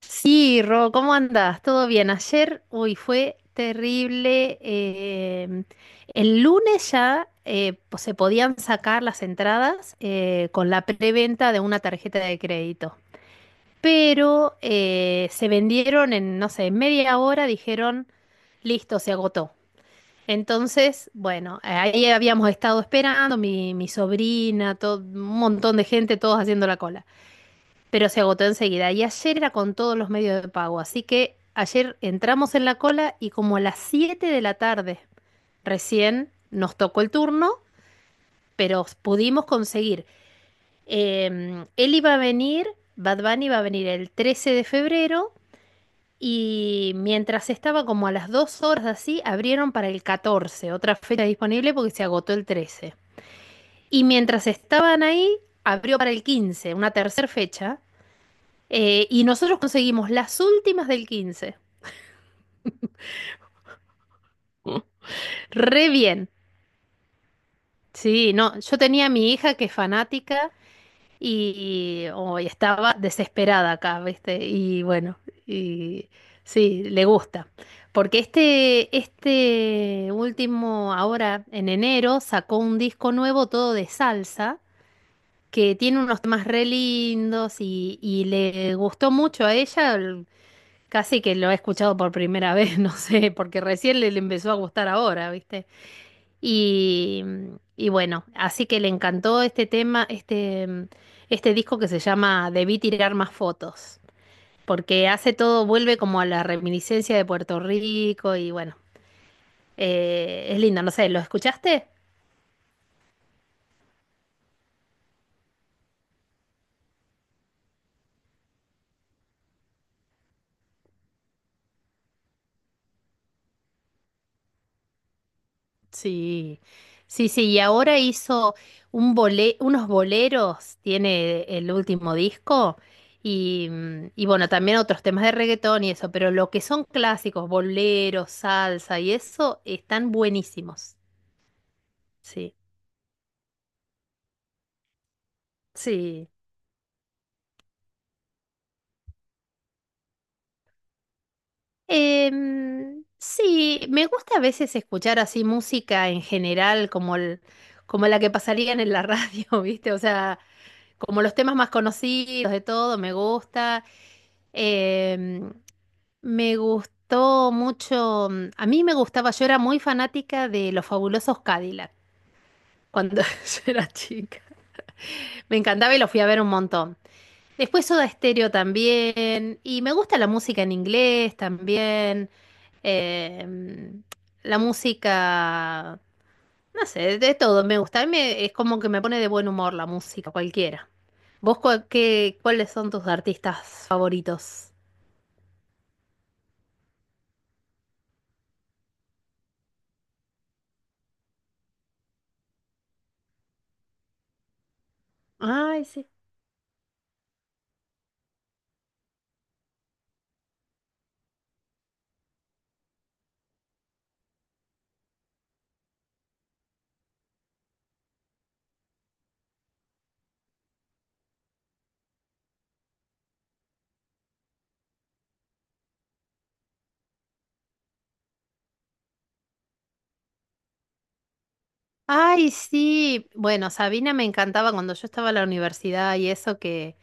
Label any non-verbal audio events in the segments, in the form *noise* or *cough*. Sí, Ro, ¿cómo andas? ¿Todo bien? Ayer, uy, fue terrible. El lunes ya, se podían sacar las entradas con la preventa de una tarjeta de crédito, pero se vendieron en, no sé, en media hora, dijeron, listo, se agotó. Entonces, bueno, ahí habíamos estado esperando, mi sobrina, todo, un montón de gente, todos haciendo la cola, pero se agotó enseguida. Y ayer era con todos los medios de pago, así que ayer entramos en la cola y como a las 7 de la tarde recién nos tocó el turno, pero pudimos conseguir. Él iba a venir. Bad Bunny iba a venir el 13 de febrero, y mientras estaba como a las 2 horas así, abrieron para el 14, otra fecha disponible porque se agotó el 13. Y mientras estaban ahí, abrió para el 15, una tercera fecha. Y nosotros conseguimos las últimas del 15. Re bien. Sí, no, yo tenía a mi hija que es fanática, y hoy estaba desesperada acá, ¿viste? Y bueno, y sí, le gusta. Porque este último, ahora en enero, sacó un disco nuevo todo de salsa, que tiene unos temas re lindos y le gustó mucho a ella. Casi que lo he escuchado por primera vez, *laughs* no sé, porque recién le empezó a gustar ahora, ¿viste? Y, y bueno, así que le encantó este tema, este disco que se llama Debí tirar más fotos, porque hace todo, vuelve como a la reminiscencia de Puerto Rico, y bueno, es lindo, no sé, ¿lo escuchaste? Sí, sí, sí, y ahora hizo unos boleros, tiene el último disco, y bueno, también otros temas de reggaetón y eso, pero lo que son clásicos, boleros, salsa y eso, están buenísimos. Sí, sí. Sí, me gusta a veces escuchar así música en general, como, como la que pasarían en la radio, *laughs* ¿viste? O sea, como los temas más conocidos de todo, me gusta. Em, Me gustó mucho, a mí me gustaba, yo era muy fanática de los fabulosos Cadillac cuando *laughs* yo era chica. Me encantaba y lo fui a ver un montón. Después Soda Stereo también, y me gusta la música en inglés también, eh, mm, la música, no sé, de todo me gusta. A mí es como que me pone de buen humor la música, cualquiera. ¿Vos cuáles son tus artistas favoritos? Ay, sí. Ay, sí. Bueno, Sabina me encantaba cuando yo estaba en la universidad, y eso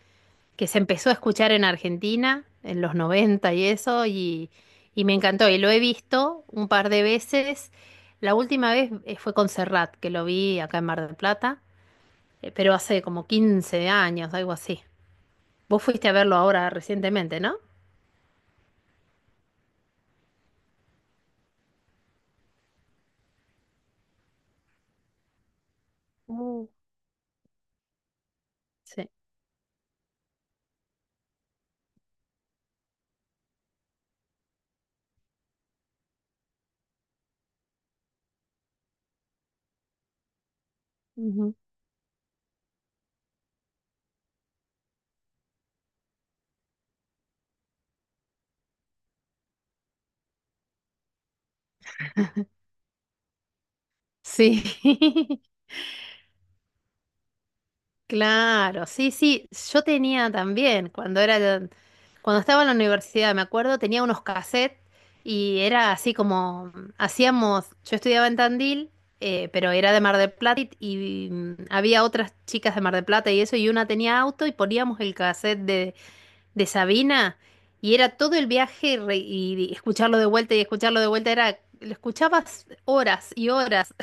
que se empezó a escuchar en Argentina, en los 90 y eso, y me encantó. Y lo he visto un par de veces. La última vez, fue con Serrat, que lo vi acá en Mar del Plata, pero hace como 15 años, algo así. Vos fuiste a verlo ahora recientemente, ¿no? Oh. Sí. Ujú. Sí. *laughs* Claro, sí, sí, yo tenía también, cuando era, cuando estaba en la universidad, me acuerdo, tenía unos cassettes, y era así como, hacíamos, yo estudiaba en Tandil, pero era de Mar del Plata, y, mm, había otras chicas de Mar del Plata y eso, y una tenía auto y poníamos el cassette de Sabina, y era todo el viaje y escucharlo de vuelta y escucharlo de vuelta, era, lo escuchabas horas y horas.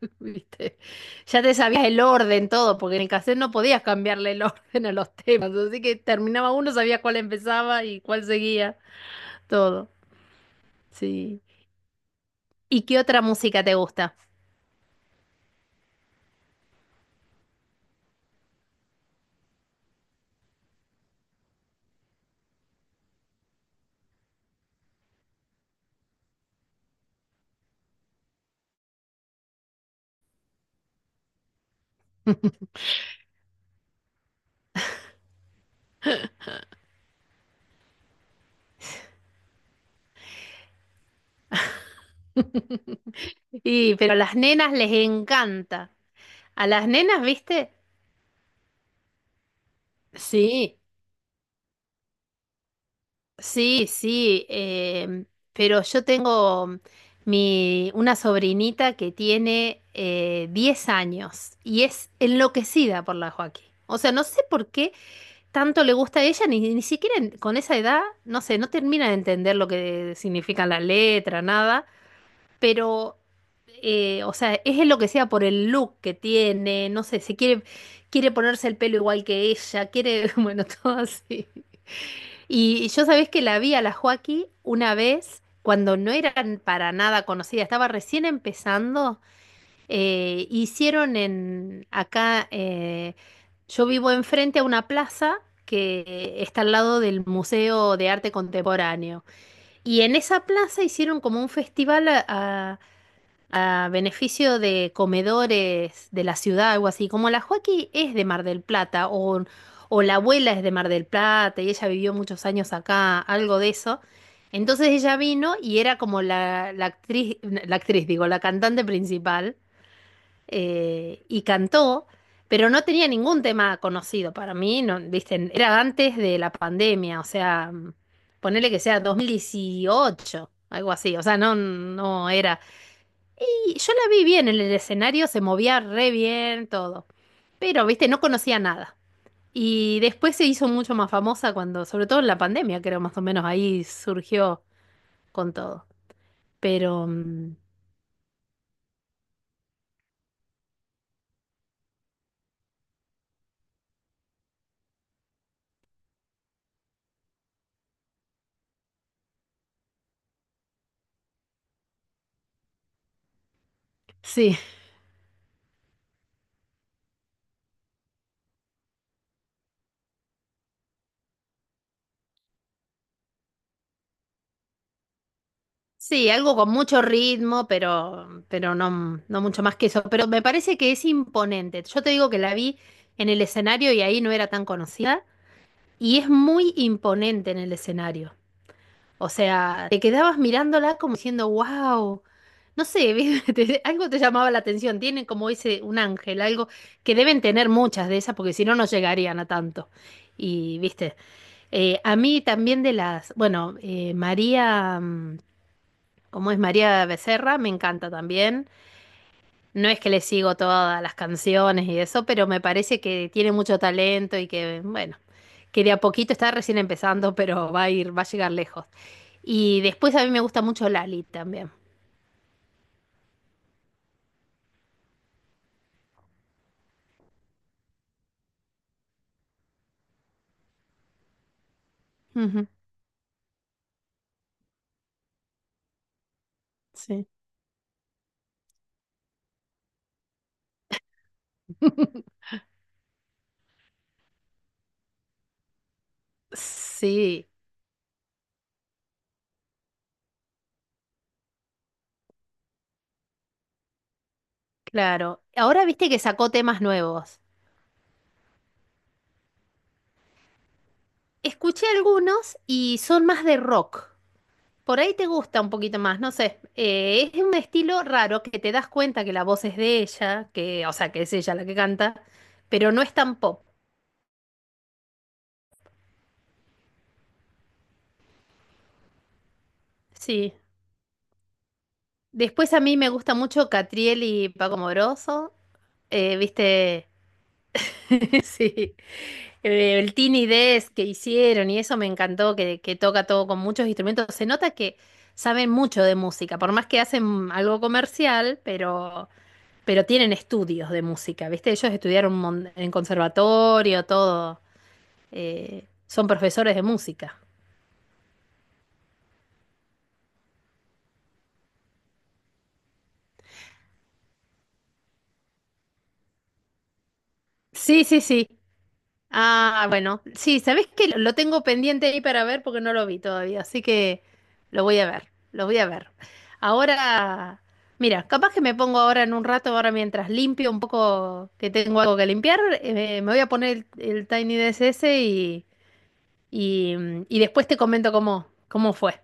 *laughs* ¿Viste? Ya te sabías el orden, todo, porque en el cassette no podías cambiarle el *laughs* orden a los temas, así que terminaba uno, sabías cuál empezaba y cuál seguía, todo. Sí. ¿Y qué otra música te gusta? Y, pero a las nenas les encanta. A las nenas, ¿viste? Sí, sí, sí. Pero yo tengo una sobrinita que tiene 10 años y es enloquecida por la Joaquín. O sea, no sé por qué tanto le gusta a ella, ni siquiera con esa edad, no sé, no termina de entender lo que significa la letra, nada, pero o sea, es lo que sea, por el look que tiene, no sé, quiere ponerse el pelo igual que ella, quiere, *laughs* bueno, todo así. Y yo sabés que la vi a la Joaquí una vez cuando no eran para nada conocida, estaba recién empezando, hicieron en acá, yo vivo enfrente a una plaza que está al lado del Museo de Arte Contemporáneo. Y en esa plaza hicieron como un festival a beneficio de comedores de la ciudad, algo así. Como la Joaquí es de Mar del Plata, o la abuela es de Mar del Plata, y ella vivió muchos años acá, algo de eso. Entonces ella vino y era como la actriz, digo, la cantante principal, y cantó, pero no tenía ningún tema conocido para mí. No, viste, era antes de la pandemia, o sea, ponele que sea 2018, algo así, o sea, no, no era. Y yo la vi bien en el escenario, se movía re bien, todo, pero, viste, no conocía nada. Y después se hizo mucho más famosa cuando, sobre todo en la pandemia, creo, más o menos ahí surgió con todo. Pero sí. Sí, algo con mucho ritmo, pero no, no mucho más que eso. Pero me parece que es imponente. Yo te digo que la vi en el escenario y ahí no era tan conocida. Y es muy imponente en el escenario. O sea, te quedabas mirándola como diciendo, wow. No sé, *laughs* ¿viste? Algo te llamaba la atención. Tienen como ese, un ángel, algo que deben tener muchas de esas, porque si no, no llegarían a tanto. Y, viste, a mí también, de las, bueno, como es María Becerra, me encanta también. No es que le sigo todas las canciones y eso, pero me parece que tiene mucho talento y bueno, que de a poquito está recién empezando, pero va a llegar lejos. Y después a mí me gusta mucho Lali también. Ujú. Sí. Sí, claro. Ahora viste que sacó temas nuevos. Escuché algunos y son más de rock. Por ahí te gusta un poquito más, no sé. Es un estilo raro que te das cuenta que la voz es de ella, que, o sea, que es ella la que canta, pero no es tan pop. Sí. Después a mí me gusta mucho Catriel y Paco Moroso. ¿Viste? *laughs* Sí. El Tiny Desk que hicieron y eso me encantó, que toca todo con muchos instrumentos. Se nota que saben mucho de música, por más que hacen algo comercial, pero tienen estudios de música, ¿viste? Ellos estudiaron en conservatorio, todo. Son profesores de música. Sí, sí, sí. Ah, bueno. Sí, ¿sabés qué? Lo tengo pendiente ahí para ver porque no lo vi todavía, así que lo voy a ver, lo voy a ver. Ahora, mira, capaz que me pongo ahora en un rato, ahora mientras limpio un poco, que tengo algo que limpiar, me voy a poner el Tiny DSS y después te comento cómo fue.